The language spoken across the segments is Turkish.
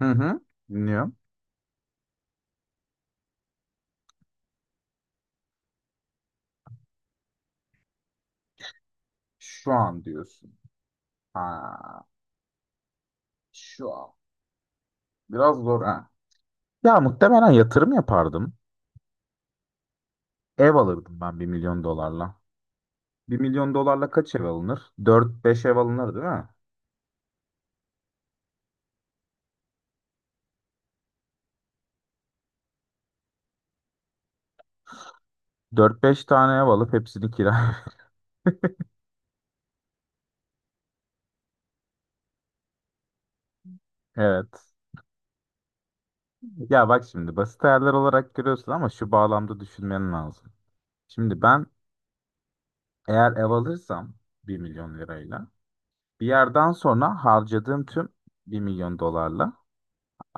Hı hı. Dinliyorum. Şu an diyorsun. Ha, şu an. Biraz zor ha. Ya muhtemelen yatırım yapardım. Ev alırdım ben bir milyon dolarla. Bir milyon dolarla kaç ev alınır? Dört beş ev alınır değil mi? Dört beş tane ev alıp hepsini kira. Evet. Ya bak şimdi basit hayaller olarak görüyorsun ama şu bağlamda düşünmen lazım. Şimdi ben eğer ev alırsam bir milyon lirayla bir yerden sonra harcadığım tüm bir milyon dolarla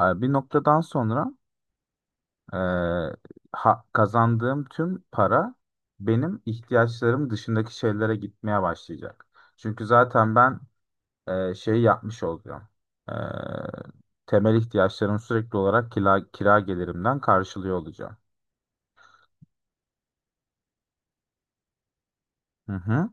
bir noktadan sonra Ee, kazandığım tüm para benim ihtiyaçlarım dışındaki şeylere gitmeye başlayacak. Çünkü zaten ben şey yapmış olacağım. Ee, Temel ihtiyaçlarım sürekli olarak kira gelirimden karşılıyor olacağım. Hı hı.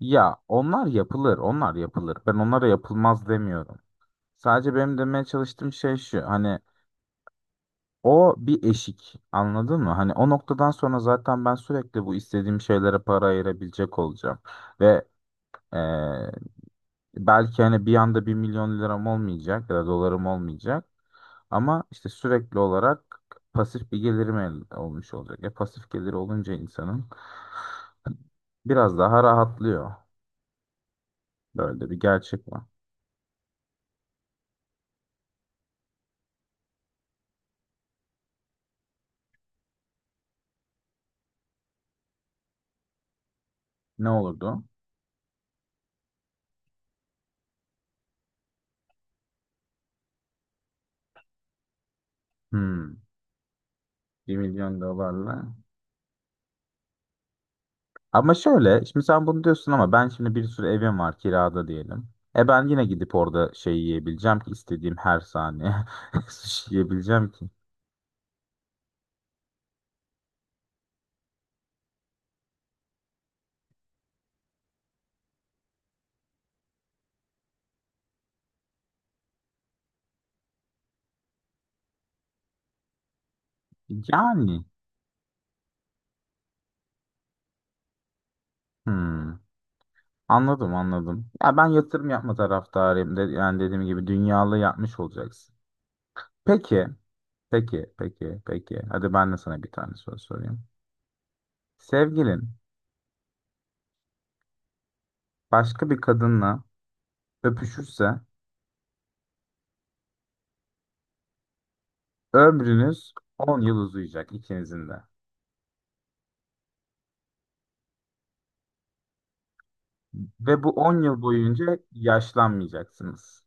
Ya onlar yapılır, onlar yapılır. Ben onlara yapılmaz demiyorum. Sadece benim demeye çalıştığım şey şu. Hani o bir eşik. Anladın mı? Hani o noktadan sonra zaten ben sürekli bu istediğim şeylere para ayırabilecek olacağım. Ve Ee, belki hani bir anda bir milyon liram olmayacak ya da dolarım olmayacak ama işte sürekli olarak pasif bir gelirim olmuş olacak. E pasif gelir olunca insanın biraz daha rahatlıyor. Böyle de bir gerçek var. Ne olurdu? Hmm, 1 milyon dolarla. Ama şöyle, şimdi sen bunu diyorsun ama ben şimdi bir sürü evim var kirada diyelim. E ben yine gidip orada şey yiyebileceğim ki, istediğim her saniye sushi yiyebileceğim ki. Yani. Hmm. Anladım anladım. Ya ben yatırım yapma taraftarıyım. De, yani dediğim gibi dünyalı yapmış olacaksın. Peki, peki. Hadi ben de sana bir tane soru sorayım. Sevgilin başka bir kadınla öpüşürse ömrünüz 10 yıl uzayacak ikinizin de. Ve bu 10 yıl boyunca yaşlanmayacaksınız.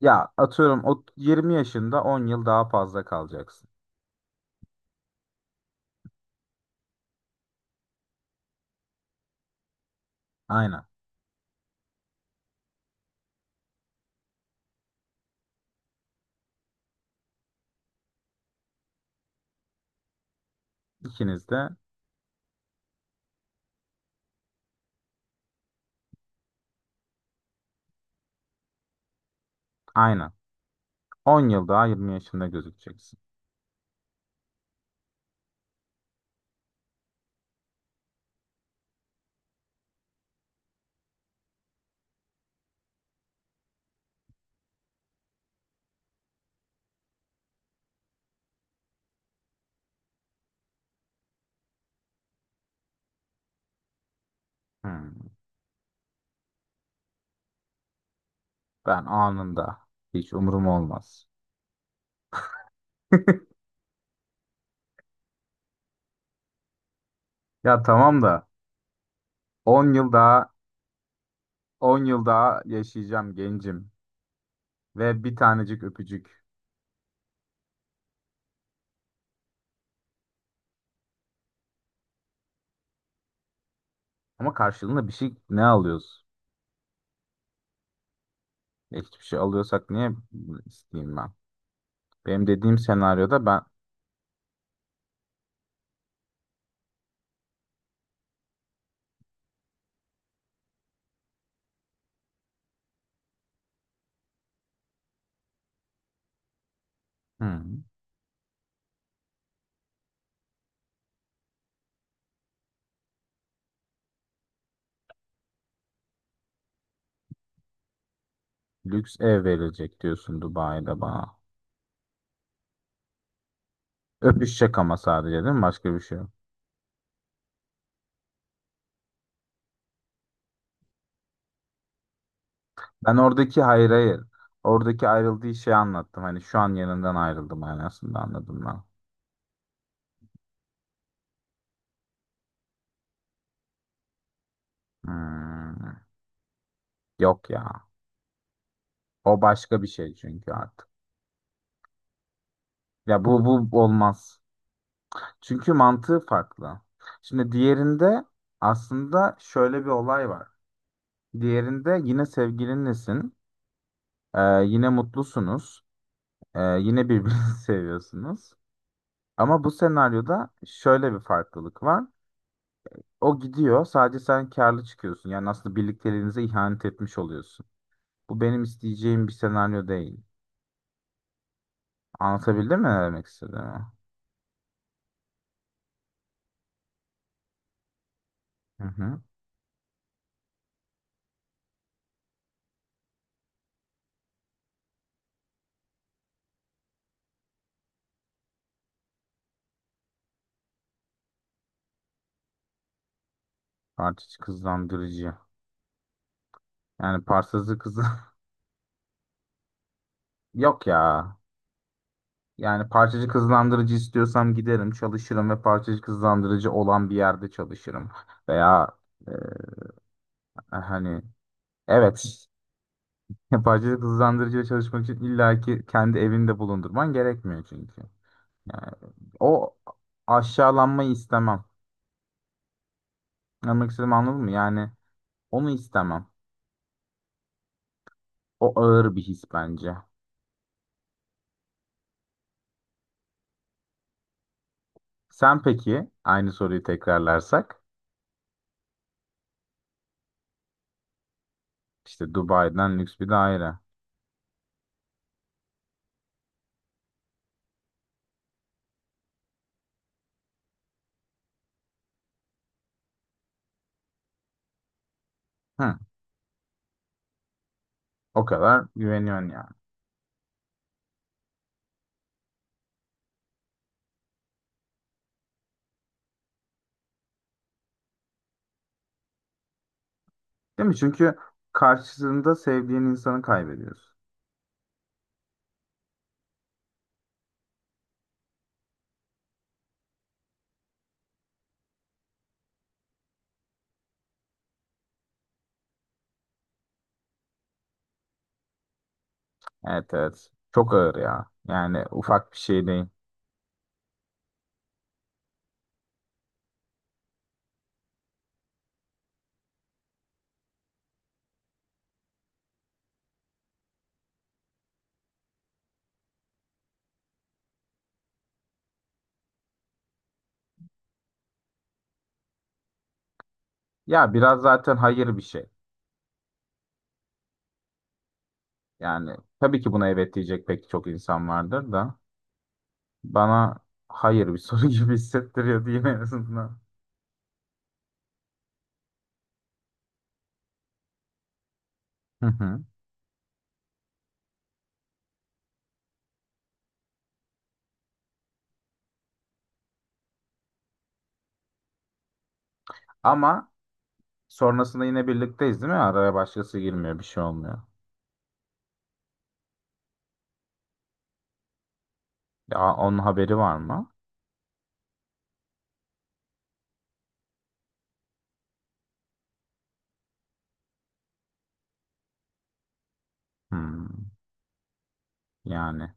Ya atıyorum o 20 yaşında 10 yıl daha fazla kalacaksın. Aynen. İkiniz de aynen. 10 yıl daha 20 yaşında gözükeceksin. Hmm. Ben anında. Hiç umurum olmaz. Ya tamam da 10 yıl daha 10 yıl daha yaşayacağım gencim ve bir tanecik öpücük. Ama karşılığında bir şey ne alıyoruz? E, hiçbir şey alıyorsak niye isteyeyim ben? Benim dediğim senaryoda ben hı, lüks ev verilecek diyorsun Dubai'de bana. Öpüşecek ama sadece değil mi? Başka bir şey yok. Ben oradaki hayır, hayır. Oradaki ayrıldığı şeyi anlattım. Hani şu an yanından ayrıldım manasında anladım ben. Hmm, yok ya. O başka bir şey çünkü artık. Ya bu olmaz. Çünkü mantığı farklı. Şimdi diğerinde aslında şöyle bir olay var. Diğerinde yine sevgilinlesin, yine mutlusunuz, yine birbirinizi seviyorsunuz. Ama bu senaryoda şöyle bir farklılık var. O gidiyor, sadece sen karlı çıkıyorsun. Yani aslında birlikteliğinize ihanet etmiş oluyorsun. Bu benim isteyeceğim bir senaryo değil. Anlatabildim mi ne demek istediğimi? Hı hı. Artık kızlandırıcı. Yani parçacı kızı yok ya. Yani parçacı kızlandırıcı istiyorsam giderim, çalışırım ve parçacı kızlandırıcı olan bir yerde çalışırım. Veya e, hani evet parçacı kızlandırıcıyla çalışmak için illaki kendi evinde bulundurman gerekmiyor çünkü. Yani o aşağılanmayı istemem. Anlamak istediğimi anladın mı? Yani onu istemem. O ağır bir his bence. Sen peki aynı soruyu tekrarlarsak işte Dubai'den lüks bir daire. Hı. O kadar güveniyorsun yani. Değil mi? Çünkü karşısında sevdiğin insanı kaybediyorsun. Evet, evet. Çok ağır ya. Yani ufak bir şey değil. Ya biraz zaten hayır bir şey. Yani tabii ki buna evet diyecek pek çok insan vardır da bana hayır bir soru gibi hissettiriyor diyeyim en azından. Hı hı. Ama sonrasında yine birlikteyiz değil mi? Araya başkası girmiyor, bir şey olmuyor. Ya onun haberi var mı? Hmm, yani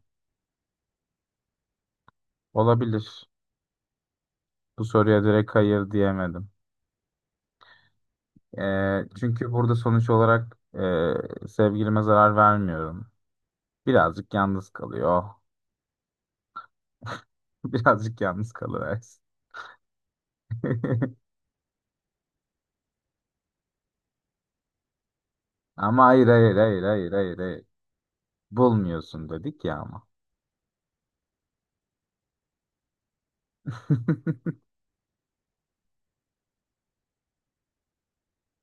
olabilir. Bu soruya direkt hayır diyemedim. Çünkü burada sonuç olarak sevgilime zarar vermiyorum. Birazcık yalnız kalıyor. Birazcık yalnız kalıversin. Ama hayır. Bulmuyorsun dedik ya ama.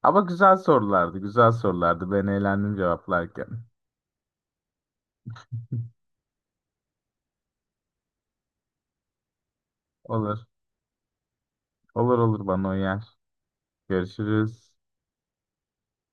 Ama güzel sorulardı, güzel sorulardı. Ben eğlendim cevaplarken. Olur, olur bana uyar. Görüşürüz.